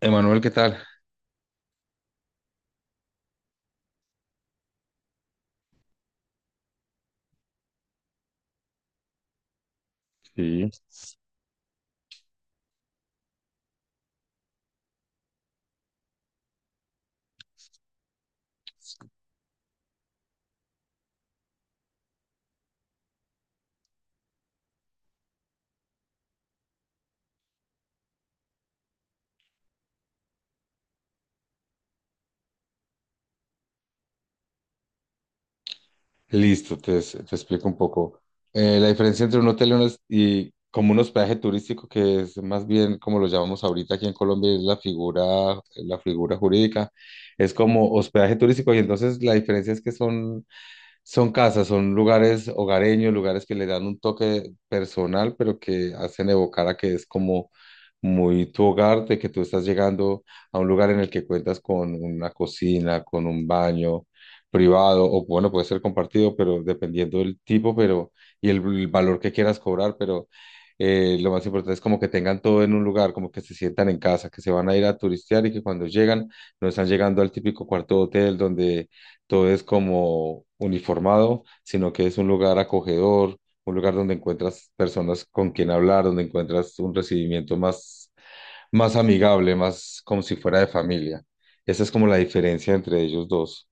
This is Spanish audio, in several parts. Emanuel, ¿qué tal? Sí. Listo, te explico un poco. La diferencia entre un hotel y, y como un hospedaje turístico, que es más bien como lo llamamos ahorita aquí en Colombia, es la figura jurídica, es como hospedaje turístico. Y entonces la diferencia es que son casas, son lugares hogareños, lugares que le dan un toque personal, pero que hacen evocar a que es como muy tu hogar, de que tú estás llegando a un lugar en el que cuentas con una cocina, con un baño privado, o bueno, puede ser compartido, pero dependiendo del tipo. Pero y el valor que quieras cobrar, pero lo más importante es como que tengan todo en un lugar, como que se sientan en casa, que se van a ir a turistear y que cuando llegan no están llegando al típico cuarto de hotel donde todo es como uniformado, sino que es un lugar acogedor, un lugar donde encuentras personas con quien hablar, donde encuentras un recibimiento más amigable, más como si fuera de familia. Esa es como la diferencia entre ellos dos.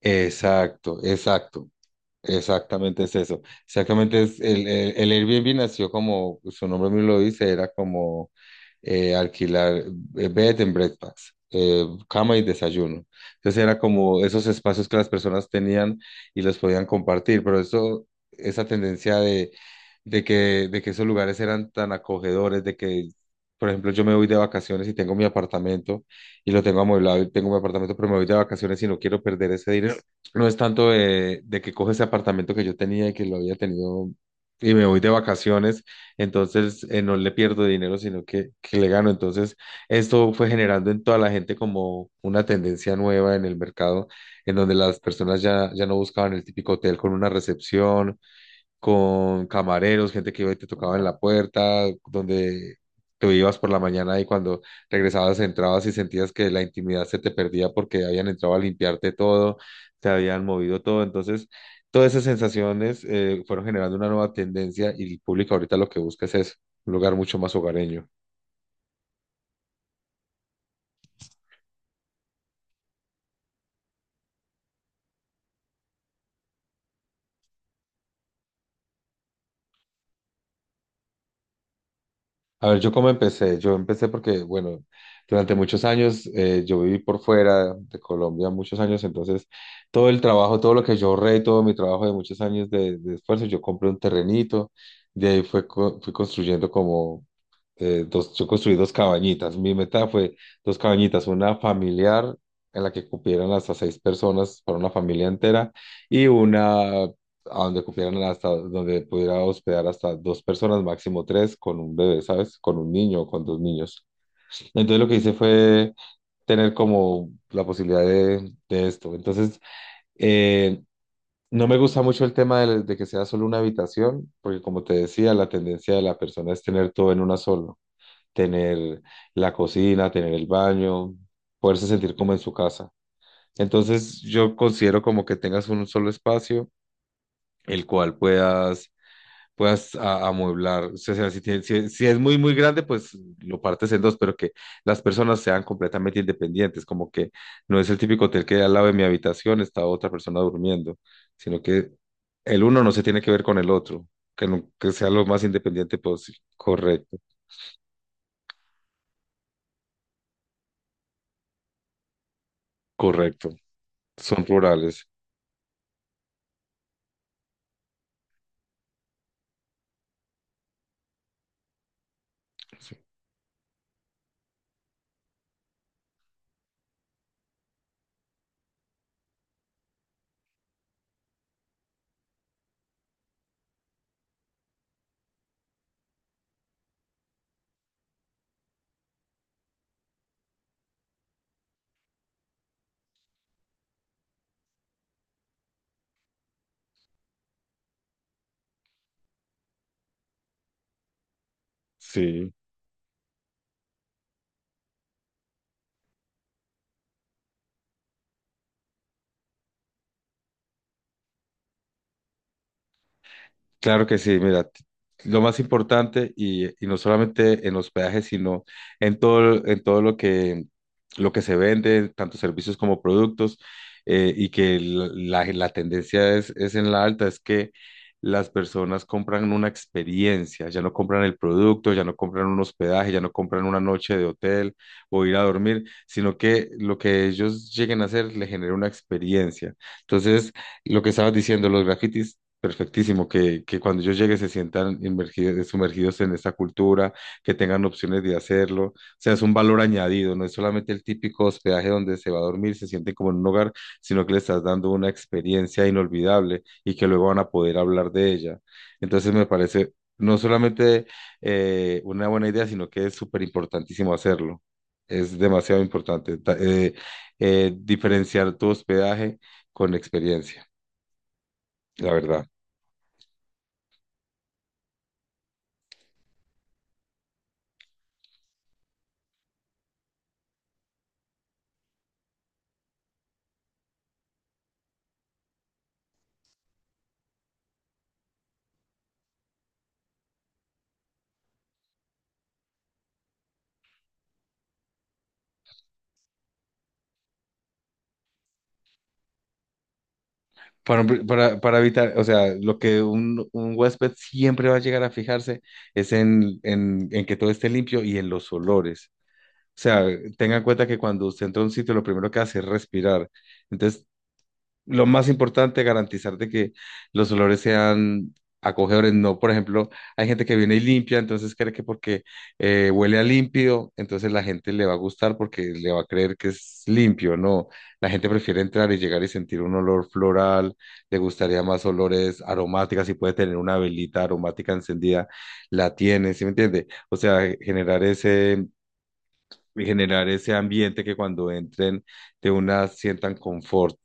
Exacto, exacto. Exactamente es eso. Exactamente es el Airbnb, nació como su nombre mismo lo dice. Era como alquilar, bed and breakfast, cama y desayuno. Entonces era como esos espacios que las personas tenían y los podían compartir. Pero eso, esa tendencia de que esos lugares eran tan acogedores, de que, por ejemplo, yo me voy de vacaciones y tengo mi apartamento y lo tengo amueblado y tengo mi apartamento, pero me voy de vacaciones y no quiero perder ese dinero. No es tanto de que cojo ese apartamento que yo tenía y que lo había tenido y me voy de vacaciones, entonces no le pierdo dinero, sino que le gano. Entonces, esto fue generando en toda la gente como una tendencia nueva en el mercado, en donde las personas ya no buscaban el típico hotel con una recepción, con camareros, gente que te tocaba en la puerta, donde tú ibas por la mañana y cuando regresabas entrabas y sentías que la intimidad se te perdía porque habían entrado a limpiarte todo, te habían movido todo. Entonces, todas esas sensaciones fueron generando una nueva tendencia y el público ahorita lo que busca es eso, un lugar mucho más hogareño. A ver, yo cómo empecé. Yo empecé porque, bueno, durante muchos años yo viví por fuera de Colombia, muchos años. Entonces todo el trabajo, todo lo que yo ahorré, todo mi trabajo de muchos años de esfuerzo, yo compré un terrenito. De ahí fue, fui construyendo como dos, yo construí dos cabañitas. Mi meta fue dos cabañitas, una familiar en la que cupieran hasta seis personas para una familia entera, y una a donde cupieran hasta donde pudiera hospedar hasta dos personas, máximo tres, con un bebé, ¿sabes? Con un niño o con dos niños. Entonces lo que hice fue tener como la posibilidad de esto. Entonces, eh, no me gusta mucho el tema de que sea solo una habitación, porque como te decía, la tendencia de la persona es tener todo en una sola, tener la cocina, tener el baño, poderse sentir como en su casa. Entonces yo considero como que tengas un solo espacio, el cual puedas, puedas amueblar. O sea, si es muy, muy grande, pues lo partes en dos, pero que las personas sean completamente independientes, como que no es el típico hotel que al lado de mi habitación está otra persona durmiendo, sino que el uno no se tiene que ver con el otro, que, que sea lo más independiente posible. Correcto, correcto. Son plurales. Sí, claro que sí. Mira, lo más importante, y no solamente en hospedaje, sino en todo lo que se vende, tanto servicios como productos, y que la tendencia es en la alta, es que las personas compran una experiencia, ya no compran el producto, ya no compran un hospedaje, ya no compran una noche de hotel o ir a dormir, sino que lo que ellos lleguen a hacer le genera una experiencia. Entonces, lo que estabas diciendo, los grafitis. Perfectísimo, que cuando yo llegue se sientan inmergidos, sumergidos en esta cultura, que tengan opciones de hacerlo. O sea, es un valor añadido, no es solamente el típico hospedaje donde se va a dormir, se sienten como en un hogar, sino que le estás dando una experiencia inolvidable y que luego van a poder hablar de ella. Entonces me parece no solamente una buena idea, sino que es súper importantísimo hacerlo. Es demasiado importante diferenciar tu hospedaje con experiencia, la verdad. Para evitar, o sea, lo que un huésped siempre va a llegar a fijarse es en que todo esté limpio y en los olores. O sea, tenga en cuenta que cuando usted entra a un sitio, lo primero que hace es respirar. Entonces, lo más importante, garantizar de que los olores sean acogedores. No, por ejemplo, hay gente que viene y limpia, entonces cree que porque huele a limpio, entonces la gente le va a gustar porque le va a creer que es limpio. No, la gente prefiere entrar y llegar y sentir un olor floral, le gustaría más olores aromáticas, si puede tener una velita aromática encendida, la tiene, ¿sí me entiende? O sea, generar ese y generar ese ambiente que cuando entren de una sientan confort.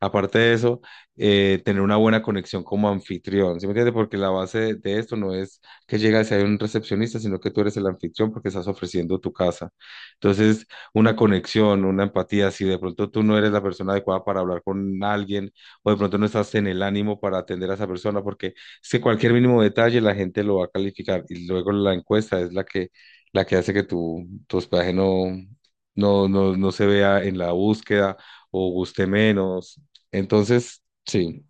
Aparte de eso, tener una buena conexión como anfitrión, ¿sí me entiendes? Porque la base de esto no es que llegas y hay un recepcionista, sino que tú eres el anfitrión porque estás ofreciendo tu casa. Entonces, una conexión, una empatía, si de pronto tú no eres la persona adecuada para hablar con alguien o de pronto no estás en el ánimo para atender a esa persona, porque es que cualquier mínimo detalle la gente lo va a calificar, y luego la encuesta es la que hace que tu hospedaje no se vea en la búsqueda o guste menos. Entonces, sí,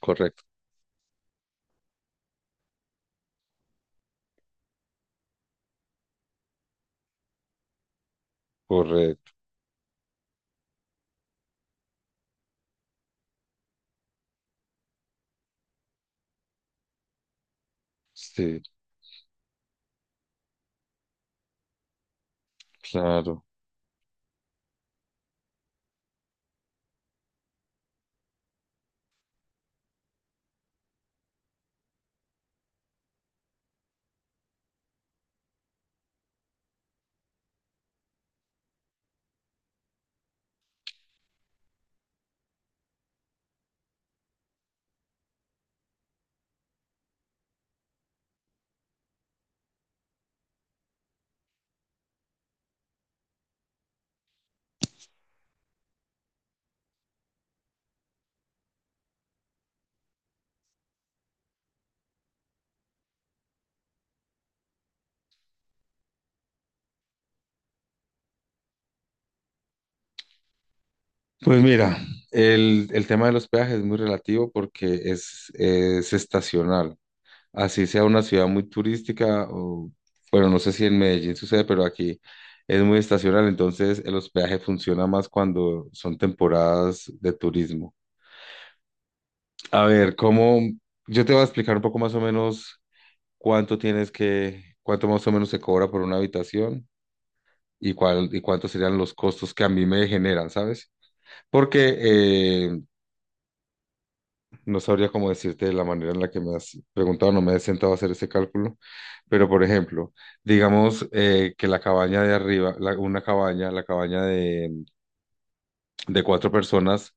correcto, correcto, sí, claro. Pues mira, el tema de los peajes es muy relativo porque es estacional. Así sea una ciudad muy turística, o, bueno, no sé si en Medellín sucede, pero aquí es muy estacional, entonces el hospedaje funciona más cuando son temporadas de turismo. A ver, ¿cómo? Yo te voy a explicar un poco más o menos cuánto tienes que, cuánto más o menos se cobra por una habitación y cuál y cuántos serían los costos que a mí me generan, ¿sabes? Porque no sabría cómo decirte de la manera en la que me has preguntado, no me he sentado a hacer ese cálculo, pero por ejemplo, digamos que la cabaña de arriba, una cabaña, la cabaña de cuatro personas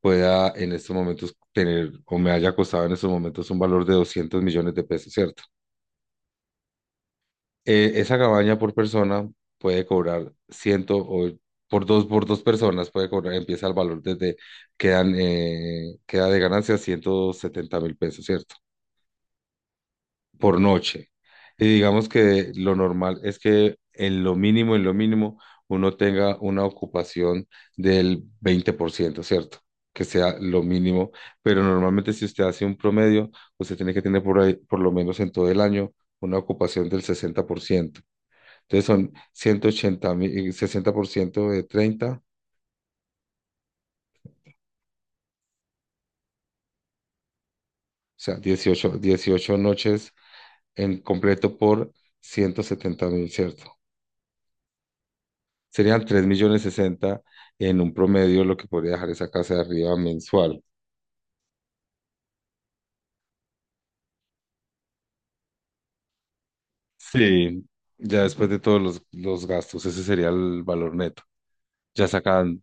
pueda en estos momentos tener o me haya costado en estos momentos un valor de 200 millones de pesos, ¿cierto? Esa cabaña por persona puede cobrar ciento o por dos personas puede cobrar, empieza el valor desde, queda de ganancia 170.000 pesos, ¿cierto? Por noche. Y digamos que lo normal es que en lo mínimo, uno tenga una ocupación del 20%, ¿cierto? Que sea lo mínimo. Pero normalmente si usted hace un promedio, usted tiene que tener por ahí, por lo menos en todo el año, una ocupación del 60%. Entonces son 180.000, 60% de 30, o sea, dieciocho noches en completo por 170.000, ¿cierto? Serían 3 millones 60 en un promedio lo que podría dejar esa casa de arriba mensual. Sí, ya después de todos los gastos, ese sería el valor neto. Ya sacan,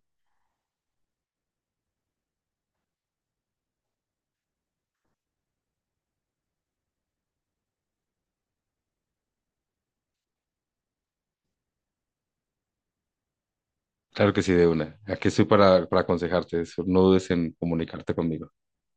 claro que sí, de una. Aquí estoy para aconsejarte eso. No dudes en comunicarte conmigo.